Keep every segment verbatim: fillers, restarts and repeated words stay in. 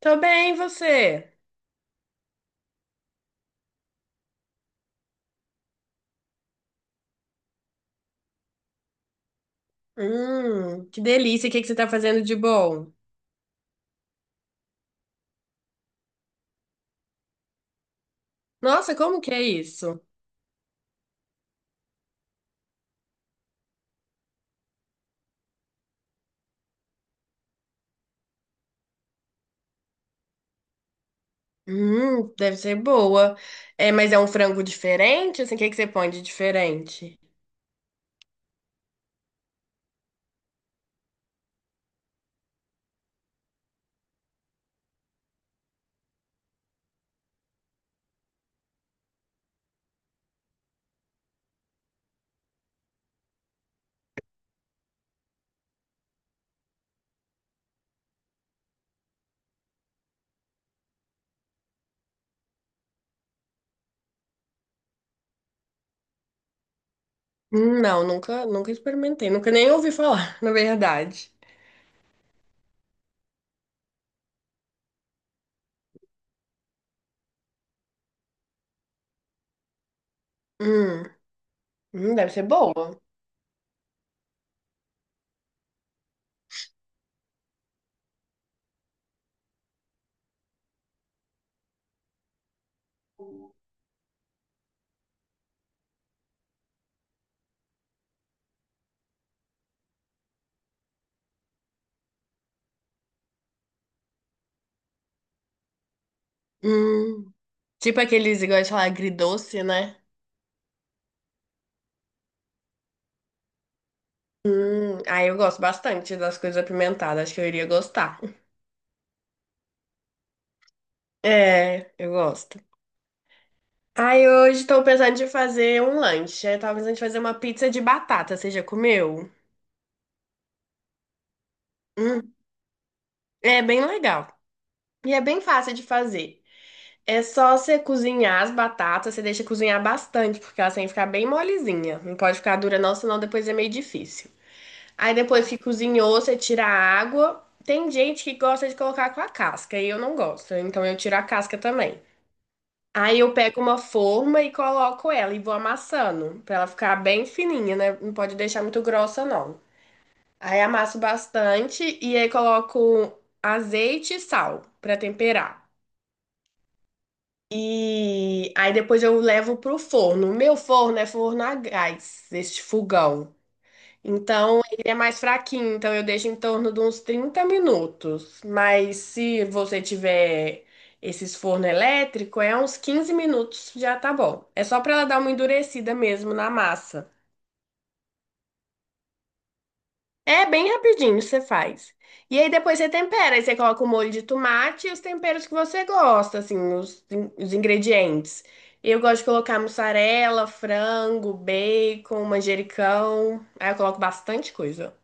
Tô bem, e você? Hum, que delícia. O que que você tá fazendo de bom? Nossa, como que é isso? Hum, deve ser boa. É, mas é um frango diferente? Assim, o que que você põe de diferente? Hum, não, nunca, nunca experimentei. Nunca nem ouvi falar, na verdade. Hum, hum, deve ser boa. Hum, tipo aqueles, igual de falar, agridoce, né? Hum, aí eu gosto bastante das coisas apimentadas. Acho que eu iria gostar. É, eu gosto. Ai, hoje estou pensando de fazer um lanche. Eu tava pensando de fazer uma pizza de batata. Você já comeu? Hum, é bem legal. E é bem fácil de fazer. É só você cozinhar as batatas, você deixa cozinhar bastante, porque elas têm que ficar bem molezinha. Não pode ficar dura não, senão depois é meio difícil. Aí depois que cozinhou, você tira a água. Tem gente que gosta de colocar com a casca, e eu não gosto, então eu tiro a casca também. Aí eu pego uma forma e coloco ela e vou amassando, pra ela ficar bem fininha, né? Não pode deixar muito grossa, não. Aí amasso bastante e aí coloco azeite e sal pra temperar. E aí depois eu levo pro forno. O meu forno é forno a gás, este fogão. Então, ele é mais fraquinho, então eu deixo em torno de uns trinta minutos. Mas se você tiver esses forno elétrico, é uns quinze minutos já tá bom. É só para ela dar uma endurecida mesmo na massa. É bem rapidinho, você faz. E aí depois você tempera, aí você coloca o molho de tomate e os temperos que você gosta, assim, os, in- os ingredientes. Eu gosto de colocar mussarela, frango, bacon, manjericão. Aí eu coloco bastante coisa.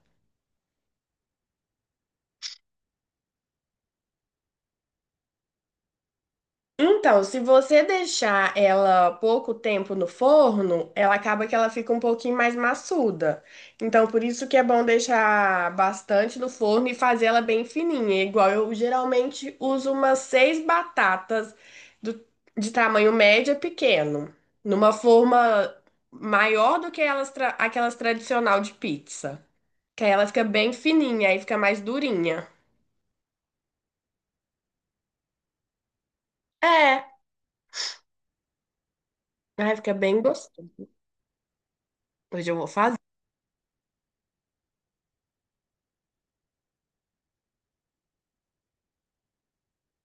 Então, se você deixar ela pouco tempo no forno, ela acaba que ela fica um pouquinho mais maçuda. Então, por isso que é bom deixar bastante no forno e fazer ela bem fininha. É igual eu geralmente uso umas seis batatas do- de tamanho médio a pequeno, numa forma maior do que elas tra- aquelas tradicional de pizza. Que aí ela fica bem fininha, aí fica mais durinha. É, aí fica bem gostoso. Hoje eu vou fazer.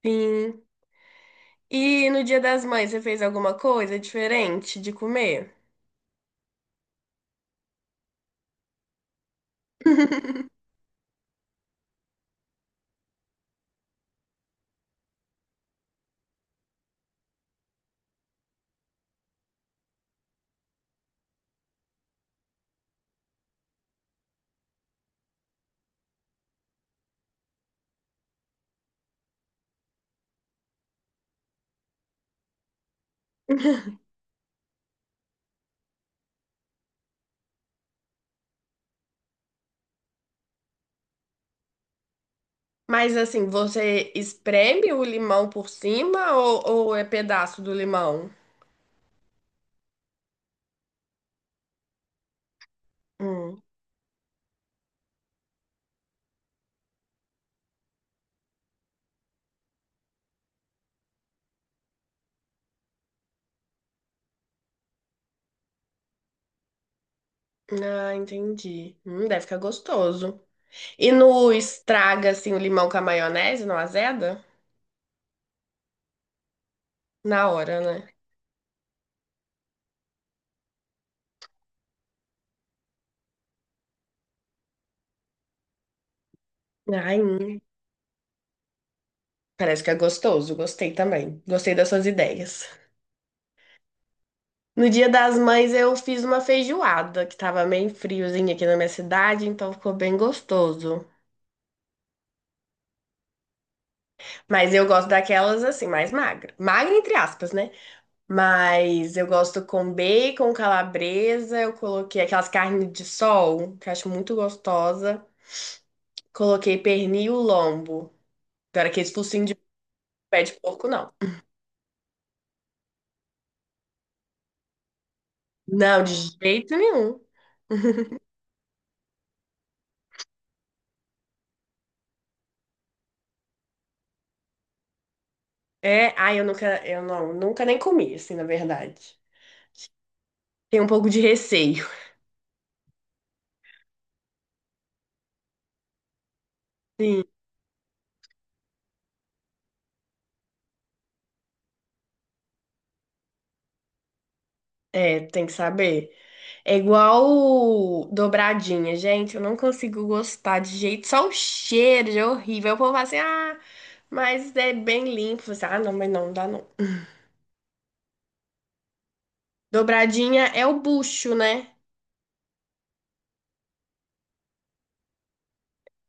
Sim. E no Dia das Mães, você fez alguma coisa diferente de comer? Mas assim, você espreme o limão por cima ou, ou, é pedaço do limão? Hum. Ah, entendi. Hum, deve ficar gostoso. E no estraga assim o limão com a maionese, não azeda? Na hora, né? Ai, hum. Parece que é gostoso. Gostei também. Gostei das suas ideias. No Dia das Mães eu fiz uma feijoada que tava meio friozinho aqui na minha cidade, então ficou bem gostoso. Mas eu gosto daquelas assim, mais magra. Magra entre aspas, né? Mas eu gosto com bacon, calabresa, eu coloquei aquelas carnes de sol, que eu acho muito gostosa. Coloquei pernil lombo. Não era aquele focinho de pé de porco, não. Não, de jeito nenhum. É, ai, eu nunca, eu não, nunca nem comi, assim, na verdade. Tenho um pouco de receio. Sim. É, tem que saber. É igual dobradinha, gente. Eu não consigo gostar de jeito. Só o cheiro já é horrível. O povo fala assim, ah, mas é bem limpo. Você, ah, não, mas não dá não. Dobradinha é o bucho, né?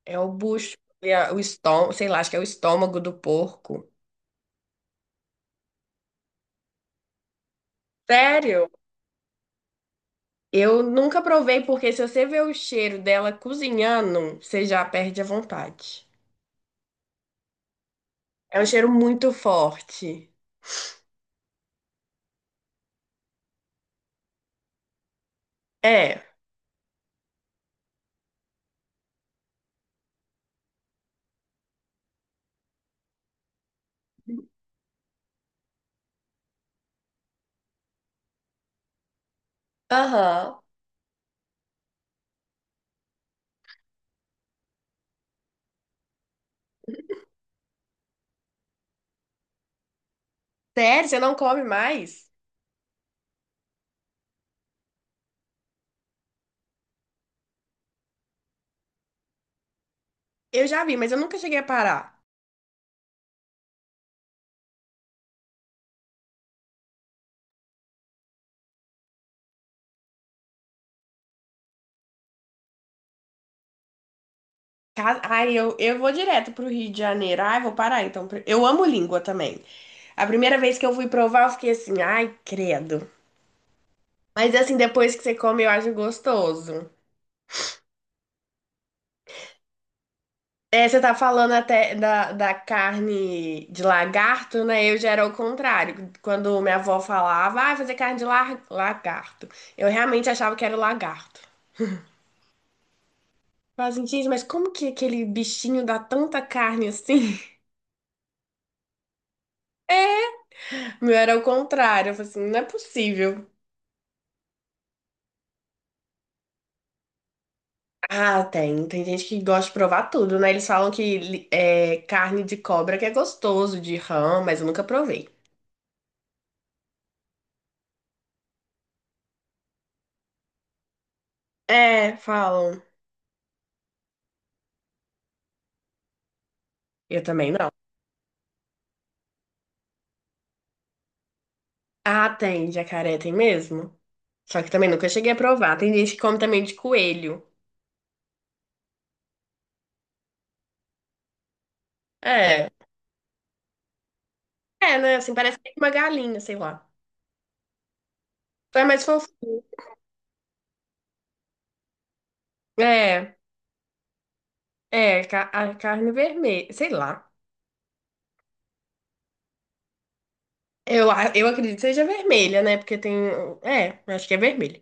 É o bucho, é o estômago, sei lá, acho que é o estômago do porco. Sério? Eu nunca provei, porque se você vê o cheiro dela cozinhando, você já perde a vontade. É um cheiro muito forte. É. Aham. Sério, você não come mais? Eu já vi, mas eu nunca cheguei a parar. Ca- Ai, eu, eu vou direto pro Rio de Janeiro. Ai, vou parar então. Eu amo língua também. A primeira vez que eu fui provar, eu fiquei assim, ai, credo. Mas assim, depois que você come, eu acho gostoso. É, você tá falando até da, da, carne de lagarto, né? Eu já era o contrário. Quando minha avó falava, ah, fazer carne de lar- lagarto. Eu realmente achava que era o lagarto. Falava assim, gente, mas como que aquele bichinho dá tanta carne assim? O meu era o contrário. Eu falei assim, não é possível. Ah, tem. Tem gente que gosta de provar tudo, né? Eles falam que li- é carne de cobra que é gostoso, de rã, mas eu nunca provei. É, falam. Eu também não. Ah, tem. Jacaré tem mesmo. Só que também nunca cheguei a provar. Tem gente que come também de coelho. É. É, né? Assim, parece que é uma galinha, sei lá. É mais fofinho. É, é, ca- a carne vermelha, sei lá. Eu, a- eu acredito que seja vermelha, né? Porque tem. É, eu acho que é vermelha.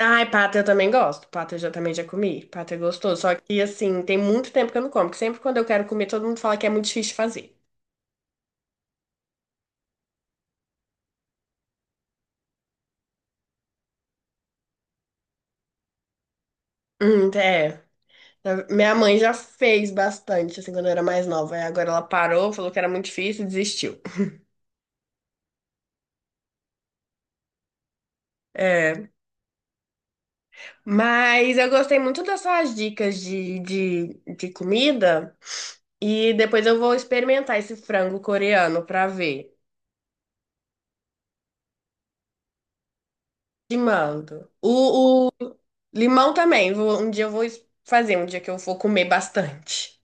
Ai, pata eu também gosto. Pata eu já, também já comi. Pata é gostoso. Só que, assim, tem muito tempo que eu não como. Porque sempre quando eu quero comer, todo mundo fala que é muito difícil de fazer. Hum, é. Minha mãe já fez bastante, assim, quando eu era mais nova. Aí agora ela parou, falou que era muito difícil e desistiu. É. Mas eu gostei muito das suas dicas de, de, de, comida. E depois eu vou experimentar esse frango coreano pra ver. Te mando. O, o limão também. Vou- um dia eu vou es- fazer, um dia que eu for comer bastante.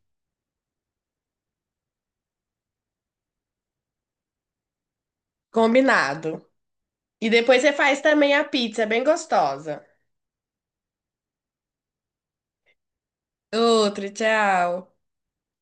Combinado. E depois você faz também a pizza, é bem gostosa. Outro, tchau.